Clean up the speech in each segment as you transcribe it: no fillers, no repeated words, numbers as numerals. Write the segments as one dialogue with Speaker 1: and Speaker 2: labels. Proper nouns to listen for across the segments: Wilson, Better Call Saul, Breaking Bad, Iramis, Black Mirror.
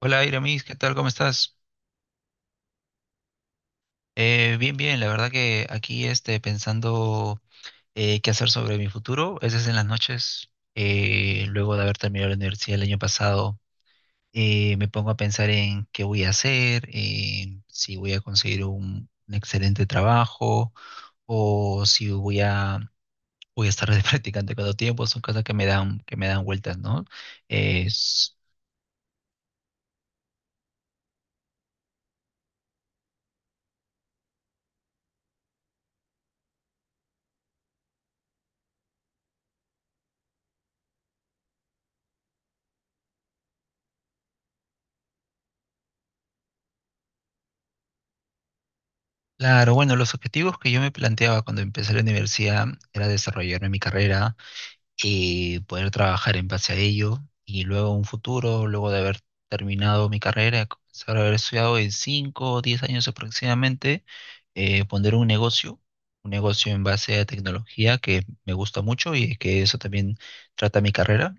Speaker 1: Hola, Iramis, ¿qué tal? ¿Cómo estás? Bien, bien, la verdad que aquí este, pensando qué hacer sobre mi futuro, a veces en las noches, luego de haber terminado la universidad el año pasado, me pongo a pensar en qué voy a hacer, en si voy a conseguir un excelente trabajo o si voy a estar de practicante cada tiempo, son cosas que me dan vueltas, ¿no? Es, claro, bueno, los objetivos que yo me planteaba cuando empecé la universidad era desarrollarme en mi carrera, y poder trabajar en base a ello y luego un futuro, luego de haber terminado mi carrera, comenzar a haber estudiado en 5 o 10 años aproximadamente, poner un negocio en base a tecnología que me gusta mucho y que eso también trata mi carrera.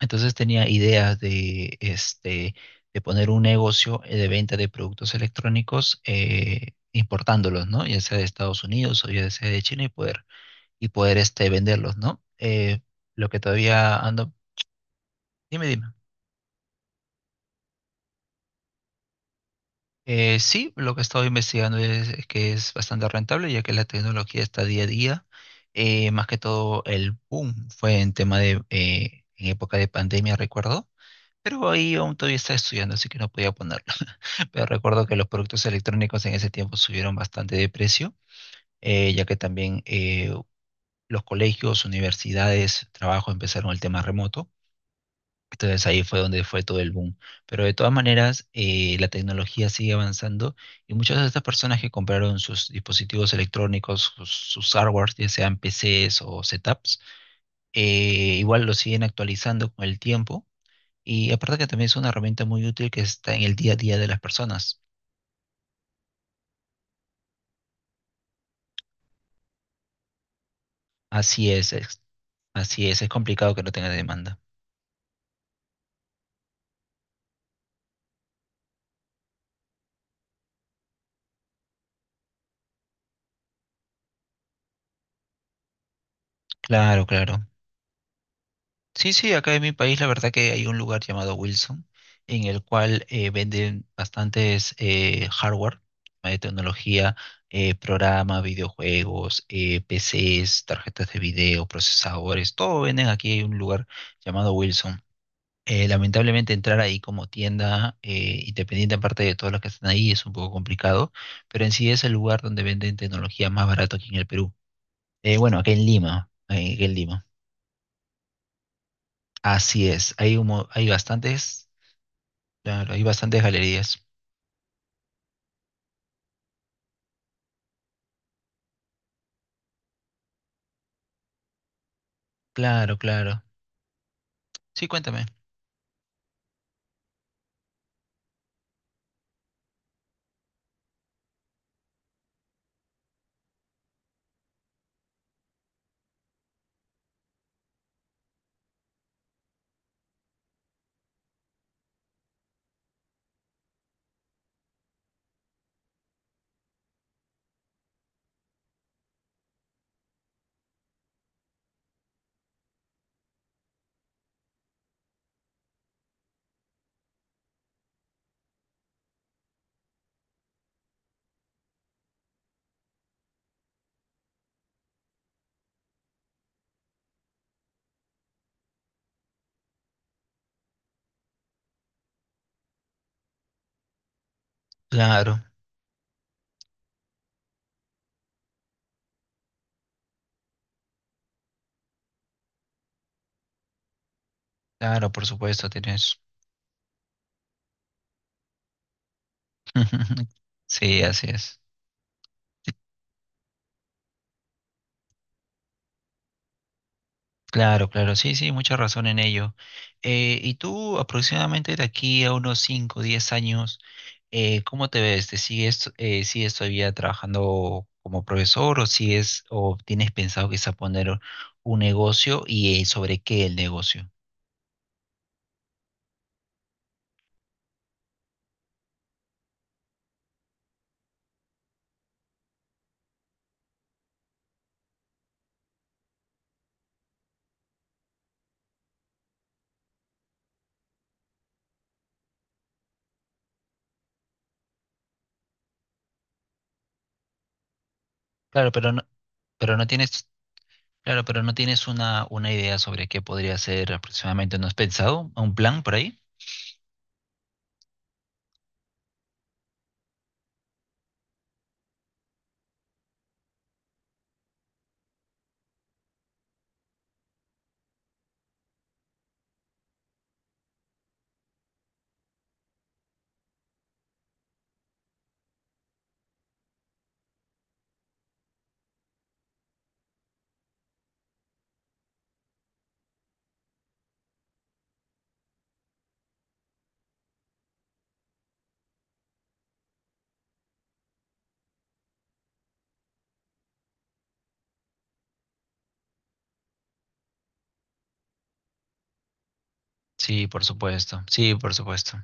Speaker 1: Entonces tenía ideas de, este, de poner un negocio de venta de productos electrónicos. Importándolos, ¿no? Ya sea de Estados Unidos o ya sea de China y poder este, venderlos, ¿no? Lo que todavía ando... Dime, dime. Sí, lo que he estado investigando es que es bastante rentable, ya que la tecnología está día a día. Más que todo el boom fue en tema de en época de pandemia, recuerdo. Pero ahí aún todavía estaba estudiando, así que no podía ponerlo. Pero recuerdo que los productos electrónicos en ese tiempo subieron bastante de precio, ya que también los colegios, universidades, trabajo empezaron el tema remoto. Entonces ahí fue donde fue todo el boom. Pero de todas maneras, la tecnología sigue avanzando y muchas de estas personas que compraron sus dispositivos electrónicos, sus hardwares, ya sean PCs o setups, igual lo siguen actualizando con el tiempo. Y aparte que también es una herramienta muy útil que está en el día a día de las personas. Así es, es- así es complicado que no tenga demanda. Claro, claro. Sí, sí, acá en mi país la verdad que hay un lugar llamado Wilson en el cual venden bastantes hardware tecnología, programa, videojuegos, PCs, tarjetas de video, procesadores, todo venden aquí en un lugar llamado Wilson. Lamentablemente entrar ahí como tienda independiente aparte de todos los que están ahí es un poco complicado, pero en sí es el lugar donde venden tecnología más barato aquí en el Perú. Bueno, aquí en Lima, aquí en Lima. Así es, hay un mo- hay bastantes, claro, hay bastantes galerías. Claro, claro. Sí, cuéntame. Claro, claro, por supuesto, tienes. Sí, así es. Claro, claro, sí, sí, mucha razón en ello. Y tú, aproximadamente de aquí a 10 años, ¿cómo te ves? ¿Te sigues, sigues todavía trabajando como profesor o sigues, o tienes pensado quizá poner un negocio y sobre qué el negocio? Claro, pero no, pero no tienes claro, pero ¿no tienes una idea sobre qué podría ser aproximadamente? ¿No has pensado un plan por ahí? Sí, por supuesto. Sí, por supuesto.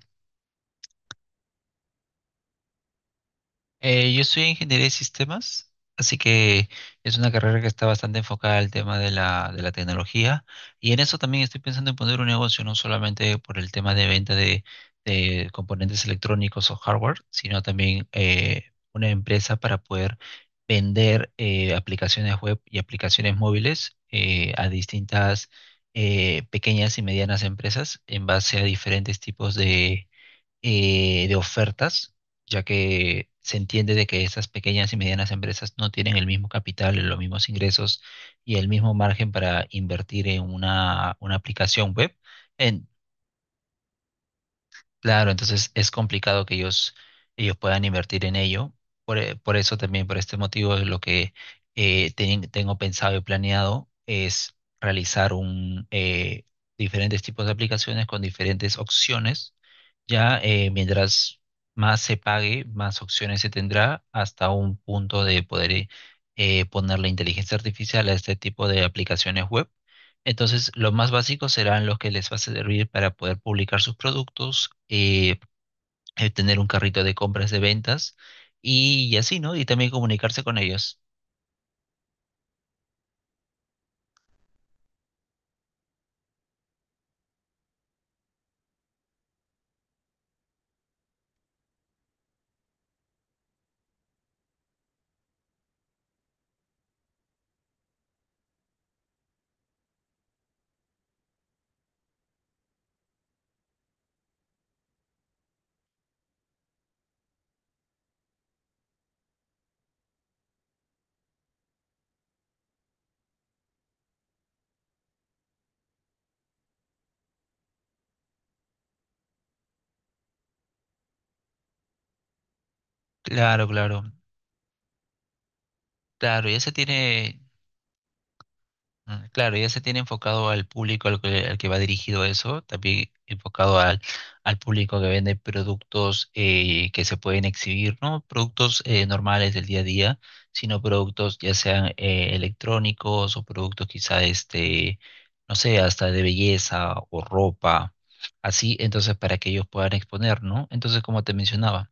Speaker 1: Yo soy ingeniería de sistemas, así que es una carrera que está bastante enfocada al tema de de la tecnología y en eso también estoy pensando en poner un negocio, no solamente por el tema de venta de componentes electrónicos o hardware, sino también una empresa para poder vender aplicaciones web y aplicaciones móviles a distintas pequeñas y medianas empresas en base a diferentes tipos de ofertas, ya que se entiende de que esas pequeñas y medianas empresas no tienen el mismo capital, los mismos ingresos y el mismo margen para invertir en una aplicación web. En, claro, entonces es complicado que ellos puedan invertir en ello. Por eso también, por este motivo, es lo que tengo pensado y planeado es realizar diferentes tipos de aplicaciones con diferentes opciones ya, mientras más se pague, más opciones se tendrá hasta un punto de poder poner la inteligencia artificial a este tipo de aplicaciones web. Entonces, los más básicos serán los que les va a servir para poder publicar sus productos, tener un carrito de compras de ventas y así, ¿no? Y también comunicarse con ellos. Claro, claro, claro. Ya se tiene, mm, claro, ya se tiene enfocado al público al que va dirigido eso, también enfocado al, al público que vende productos que se pueden exhibir, no productos normales del día a día, sino productos ya sean electrónicos o productos quizá, este, no sé, hasta de belleza o ropa, así, entonces para que ellos puedan exponer, ¿no? Entonces, como te mencionaba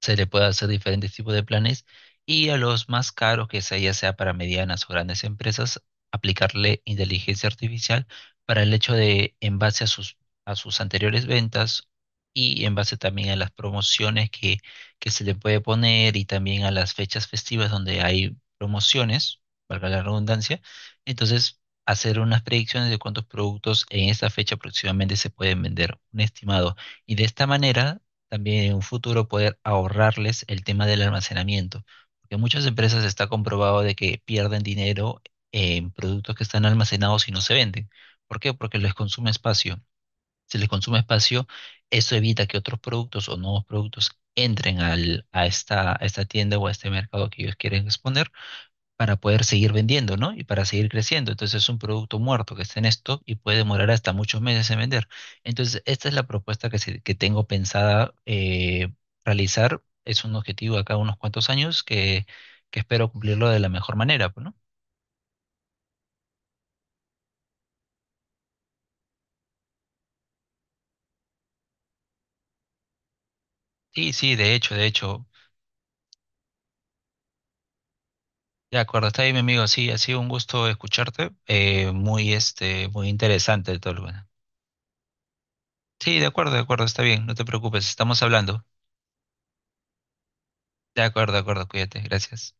Speaker 1: se le puede hacer diferentes tipos de planes y a los más caros, que sea ya sea para medianas o grandes empresas, aplicarle inteligencia artificial para el hecho de, en base a sus anteriores ventas y en base también a las promociones que se le puede poner y también a las fechas festivas donde hay promociones, valga la redundancia, entonces hacer unas predicciones de cuántos productos en esta fecha aproximadamente se pueden vender, un estimado. Y de esta manera también en un futuro poder ahorrarles el tema del almacenamiento, porque muchas empresas está comprobado de que pierden dinero en productos que están almacenados y no se venden. ¿Por qué? Porque les consume espacio. Si les consume espacio, eso evita que otros productos o nuevos productos a esta tienda o a este mercado que ellos quieren exponer para poder seguir vendiendo, ¿no? Y para seguir creciendo. Entonces es un producto muerto que está en stock y puede demorar hasta muchos meses en vender. Entonces, esta es la propuesta que tengo pensada realizar. Es un objetivo de acá a unos cuantos años que espero cumplirlo de la mejor manera, pues, ¿no? Sí, sí, de hecho, de hecho. De acuerdo, está bien, mi amigo, sí, ha sido un gusto escucharte, muy, este, muy interesante todo lo bueno. Sí, de acuerdo, está bien, no te preocupes, estamos hablando. De acuerdo, cuídate, gracias.